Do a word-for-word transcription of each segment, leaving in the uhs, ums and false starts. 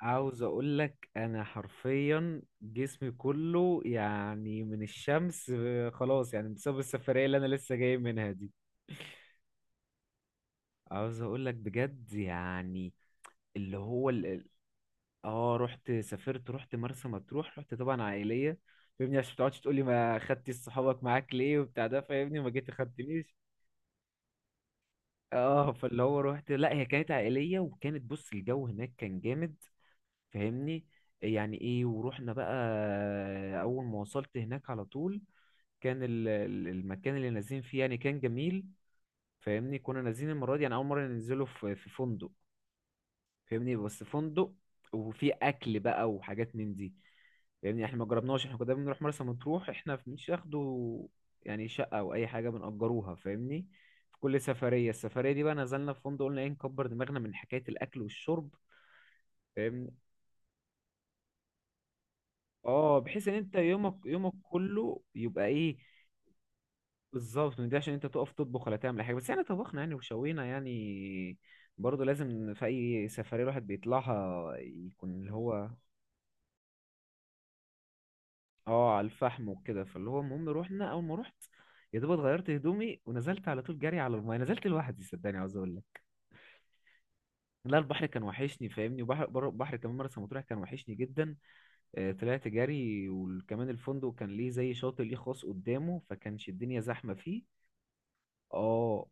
عاوز اقول لك انا حرفيا جسمي كله يعني من الشمس، آه، خلاص يعني بسبب السفرية اللي انا لسه جاي منها دي. عاوز اقول لك بجد يعني اللي هو ال... ال- اه رحت، سافرت، رحت مرسى مطروح، رحت طبعا عائلية. فاهمني، عشان ما تقعدش تقولي ما خدتش صحابك معاك ليه وبتاع ده، فاهمني ما جيت خدتنيش. اه، فاللي هو رحت، لا هي كانت عائلية، وكانت بص الجو هناك كان جامد. فاهمني، يعني ايه، ورحنا بقى. اول ما وصلت هناك على طول كان ال- ال- المكان اللي نازلين فيه يعني كان جميل. فاهمني، كنا نازلين المره دي يعني اول مره ننزله في في فندق. فاهمني، بس فندق وفي اكل بقى وحاجات من دي. فاهمني، احنا ما جربناش، احنا كنا دايما بنروح مرسى مطروح احنا مش ياخدوا يعني شقه او اي حاجه بنأجروها، فاهمني. في كل سفريه، السفريه دي بقى نزلنا في فندق. قلنا ايه، نكبر دماغنا من حكايه الاكل والشرب. فاهمني. اه، بحيث ان انت يومك، يومك كله يبقى ايه. بالظبط، من ده عشان انت تقف تطبخ ولا تعمل أي حاجه. بس احنا طبخنا يعني وشوينا يعني، برضه لازم في اي سفريه الواحد بيطلعها يكون اللي هو اه على الفحم وكده. فاللي هو المهم، روحنا، اول ما رحت يا دوب اتغيرت هدومي ونزلت على طول جري على المايه. نزلت لوحدي، صدقني، عاوز اقول لك، لا، البحر كان وحشني، فاهمني. وبحر بر- بحر كمان مرسى مطروح كان وحشني جدا. آه، طلعت جري، وكمان الفندق كان ليه زي شاطئ ليه خاص قدامه، فكانش الدنيا زحمه فيه. اه.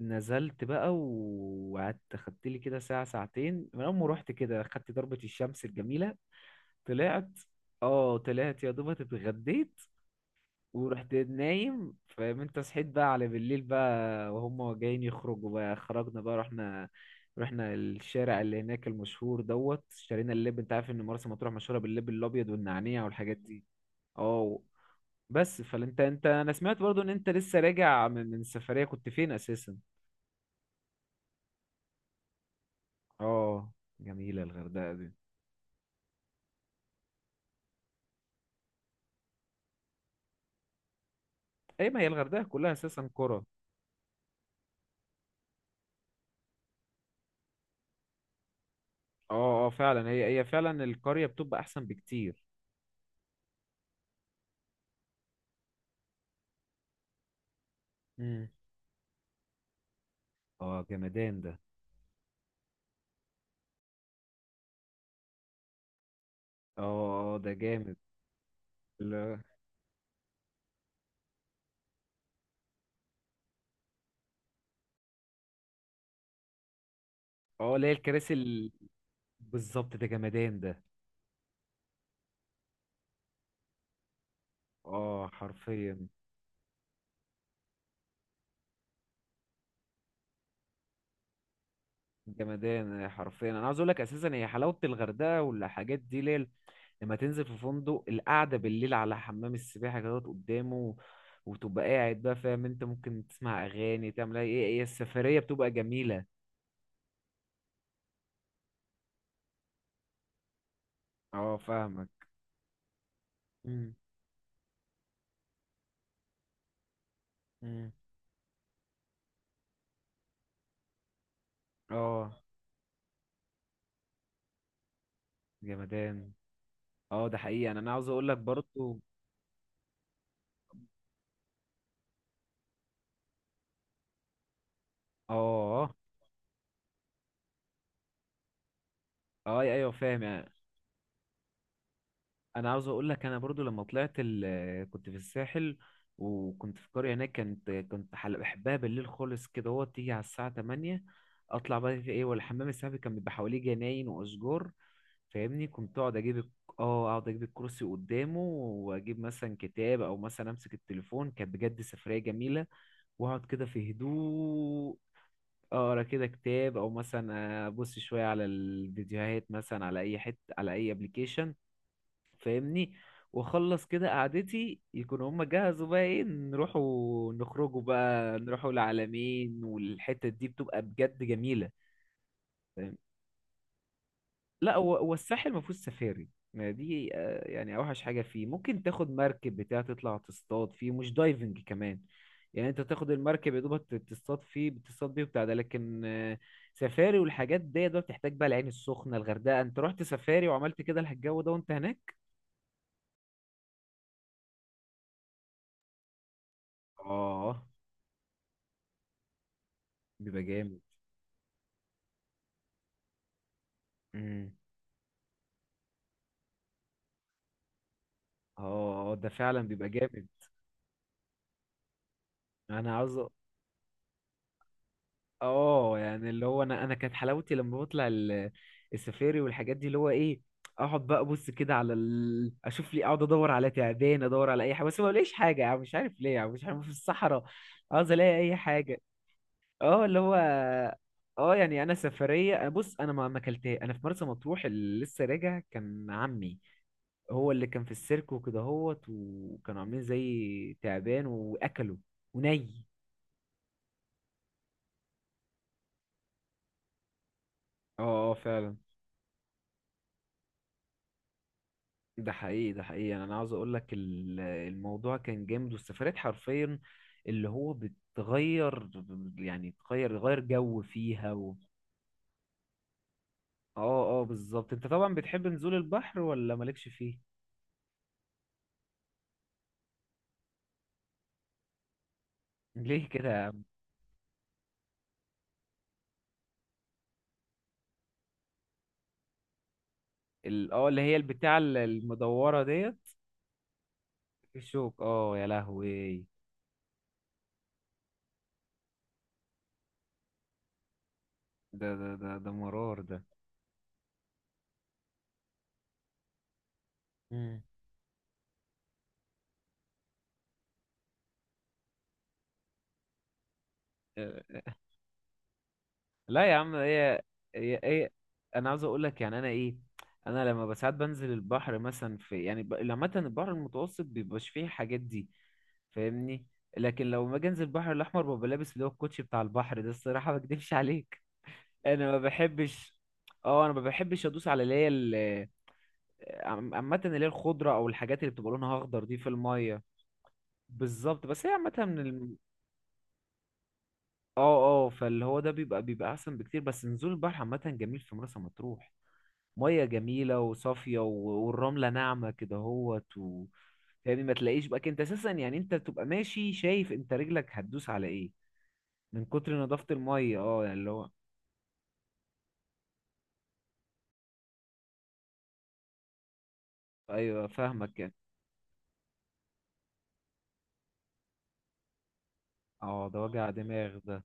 نزلت بقى و- وقعدت، خدت لي كده ساعة ساعتين من أول ما روحت كده، خدت ضربة الشمس الجميلة، طلعت. اه، طلعت يا دوبك اتغديت ورحت نايم. فاهم انت، صحيت بقى على بالليل بقى وهم جايين يخرجوا بقى، خرجنا بقى، رحنا. رحنا الشارع اللي هناك المشهور دوت، اشترينا اللب. انت عارف ان مرسى مطروح مشهورة باللب الابيض والنعناع والحاجات دي. اه. بس فانت انت انا سمعت برضو ان انت لسه راجع من من سفرية. كنت فين اساسا؟ اه، جميلة الغردقة دي. اي، ما هي الغردقة كلها اساسا قرى. اه اه، فعلا، هي هي فعلا القرية بتبقى احسن بكتير. امم. اه، جمدان ده. اه اه، ده جامد. لا- اه، اللي هي الكراسي ال... بالظبط، ده جمدان ده. اه، حرفيا. جمدان حرفيا، انا عاوز اقول لك، اساسا هي حلاوة الغردقة والحاجات دي ليل. لما تنزل في فندق القعدة بالليل على حمام السباحة كده قدامه، وتبقى قاعد بقى، فاهم انت، ممكن تسمع اغاني، تعمل ايه، ايه السفرية بتبقى جميلة. اه، فاهمك. مم. مم. اه، جمدان. اه، ده حقيقي يعني، انا عاوز اقول لك برضو. اه اه، أي- ايوه فاهم يعني. انا عاوز اقول لك، انا برضو لما طلعت ال... كنت في الساحل، وكنت في قرية هناك، كنت كنت حل- بحبها بالليل خالص كده. هو تيجي على الساعة ثمانية اطلع بقى في ايه، والحمام السحري كان بيبقى حواليه جناين واشجار. فاهمني، كنت اقعد اجيب الك- اه، اقعد اجيب الكرسي قدامه واجيب مثلا كتاب، او مثلا امسك التليفون. كانت بجد سفرية جميلة. واقعد كده في هدوء، اقرا كده كتاب، او مثلا ابص شويه على الفيديوهات مثلا، على اي حته، على اي ابلكيشن. فاهمني. واخلص كده قعدتي يكون هما جهزوا بقى، ايه نروحوا نخرجوا بقى، نروحوا العالمين. والحتة دي بتبقى بجد جميلة. لا، هو هو الساحل ما فيهوش سفاري. ما دي آه، يعني اوحش حاجه فيه ممكن تاخد مركب بتاع، تطلع تصطاد فيه، مش دايفنج كمان. يعني انت تاخد المركب يا دوبك، تصطاد فيه، بتصطاد بيه وبتاع ده. لكن آه، سفاري والحاجات دي، ده بتحتاج بقى العين السخنه، الغردقه. انت رحت سفاري وعملت كده الجو ده وانت هناك. اه، بيبقى جامد. امم. اه. آه، ده فعلا بيبقى جامد. انا عاوز. اه، يعني اللي هو، انا انا كانت حلاوتي لما بطلع ال- السفاري والحاجات دي، اللي هو ايه، اقعد بقى ابص كده على ال... اشوف لي، اقعد ادور على تعبان، ادور على اي حاجه، بس ما بلاقيش حاجه، يعني مش عارف ليه، يعني مش عارف، في الصحراء عاوز الاقي اي حاجه. اه، اللي هو اه، يعني انا سفريه، بص انا ما ما اكلتها، انا في مرسى مطروح اللي لسه راجع، كان عمي هو اللي كان في السيرك وكده هوت، وكانوا عاملين زي تعبان واكله وني. اه. آه، فعلا، ده حقيقي، ده حقيقي، يعني انا عاوز اقول لك ال- الموضوع كان جامد، والسفرات حرفيا اللي هو بتغير، يعني تغير، غير جو فيها و... اه اه، بالظبط. انت طبعا بتحب نزول البحر ولا مالكش فيه؟ ليه كده يا عم؟ ال- اه، اللي هي البتاع ال- المدورة ديت، الشوك، اه يا لهوي. ده ده ده ده مرار ده. مم. لا يا عم، هي هي هي. انا عاوز اقول لك، يعني انا ايه، انا لما بساعات بنزل البحر مثلا في يعني ب... لما البحر المتوسط بيبقاش فيه الحاجات دي، فاهمني. لكن لو ما انزل البحر الاحمر، ببقى لابس اللي هو الكوتشي بتاع البحر ده، الصراحه ما اكدبش عليك. انا ما بحبش، اه انا ما بحبش ادوس على اللي هي ال- عم- عامه اللي هي الخضره، او الحاجات اللي بتبقى لونها اخضر دي في الميه. بالظبط. بس هي عامه من الم... اه اه، فاللي هو ده بيبقى بيبقى احسن بكتير. بس نزول البحر عامه جميل في مرسى مطروح، ميه جميله وصافيه و- والرمله ناعمه كده اهوت و... يعني ما تلاقيش بقى انت اساسا، يعني انت بتبقى ماشي شايف انت رجلك هتدوس على ايه، من كتر نظافه الميه. اه، يعني اللي هو ايوه فاهمك يعني. اه، ده وجع دماغ ده.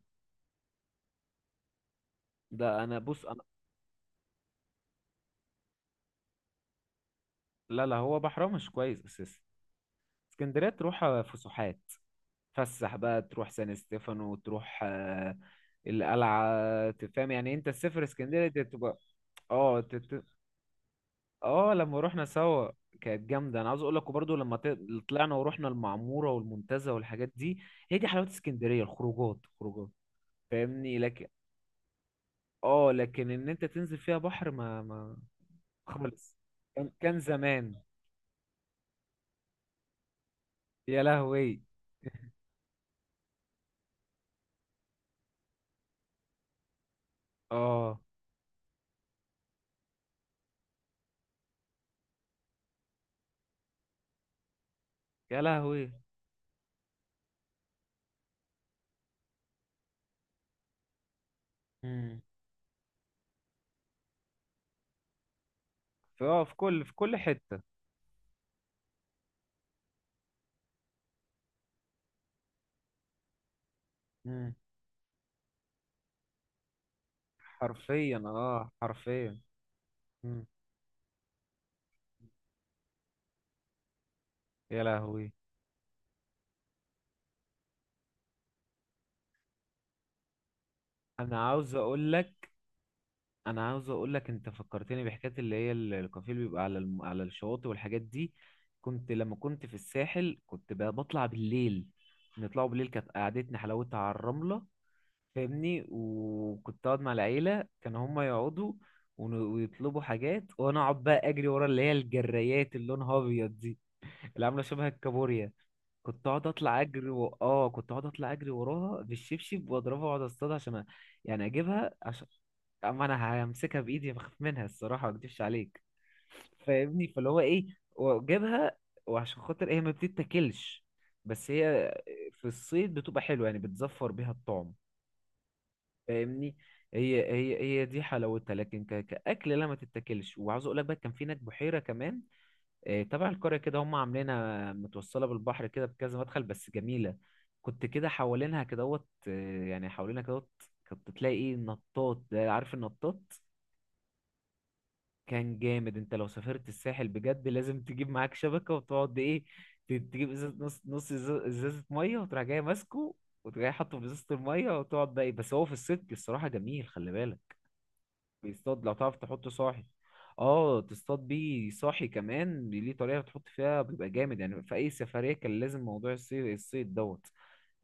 ده انا بص انا. لا لا، هو بحرها مش كويس اساسا. اسكندريه تروح فسحات، تفسح بقى، تروح سان ستيفانو، تروح آه، القلعه، تفهم. يعني انت تسافر اسكندريه دي تبقى. اه اه، لما روحنا سوا، كانت جامده. انا عاوز اقول لك، وبرضه لما ت- طلعنا ورحنا المعموره والمنتزه والحاجات دي. هي دي حلاوه اسكندريه، الخروجات خروجات. فاهمني، لكن، اه، لكن ان انت تنزل فيها بحر ما ما خالص. كان كان زمان، يا لهوي. اه، يا لهوي. امم. في آه، في كل في كل حته. امم. حرفيا، اه حرفيا. امم، يا لهوي. انا عاوز اقول لك، انا عاوز اقول لك، انت فكرتني بحكايه اللي هي ال- الكافيه اللي بيبقى على الم... على الشواطئ والحاجات دي. كنت لما كنت في الساحل، كنت ب- بطلع بالليل، نطلعوا بالليل، كانت قعدتنا حلاوتها على الرمله. فاهمني. وكنت اقعد مع العيله، كانوا هم يقعدوا ون- ويطلبوا حاجات، وانا اقعد بقى اجري ورا اللي هي الجرايات اللي لونها ابيض دي، اللي عامله شبه الكابوريا. كنت اقعد اطلع اجري و... اه، كنت اقعد اطلع اجري وراها بالشبشب، واضربها، واقعد اصطادها عشان أ- يعني اجيبها، عشان اما انا همسكها بايدي بخاف منها الصراحه، ما اكدبش عليك. فاهمني، فاللي هو ايه، واجيبها. وعشان خاطر هي ما بتتاكلش، بس هي في الصيد بتبقى حلوه، يعني بتزفر بيها الطعم. فاهمني. هي هي هي دي حلاوتها، لكن ك... كاكل لا، ما تتاكلش. وعاوز اقول لك بقى، كان في هناك بحيره كمان إيه، تبع القرية كده، هم عاملينها متوصلة بالبحر كده بكذا مدخل، بس جميلة. كنت كده حوالينها كدهوت، إيه، يعني حوالينها كدهوت، كنت تلاقي ايه، نطاط. ده عارف النطاط؟ كان جامد. انت لو سافرت الساحل بجد لازم تجيب معاك شبكة وتقعد ايه، ت- تجيب ازازة، نص نص، إزا- ازازة مية، وتروح جاي ماسكه، وتروح جاي حاطه في ازازة المية، وتقعد بقى ايه. بس هو في الصدق الصراحة جميل، خلي بالك. بيصطاد، لو تعرف تحط صاحي، اه، تصطاد بيه صاحي كمان، ليه طريقة تحط فيها، بيبقى جامد. يعني في أي سفرية كان لازم موضوع الصيد، الصيد دوت،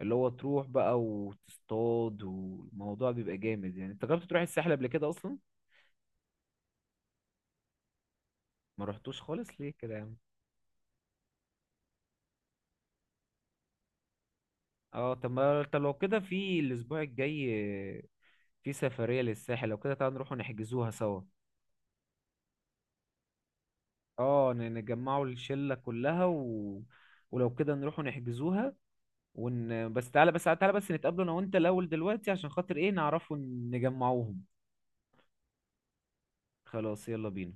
اللي هو تروح بقى وتصطاد، والموضوع بيبقى جامد. يعني انت جربت تروح الساحل قبل كده أصلا؟ ما رحتوش خالص، ليه كده يعني؟ اه، طب ما طب لو كده، في الأسبوع الجاي في سفرية للساحل، لو كده تعال نروح نحجزوها سوا. اه، ن- نجمعوا الشلة كلها و... ولو كده نروحوا نحجزوها. ون، بس تعالى، بس تعالى بس نتقابلوا انا وانت الاول دلوقتي، عشان خاطر ايه نعرفوا نجمعوهم. خلاص، يلا بينا.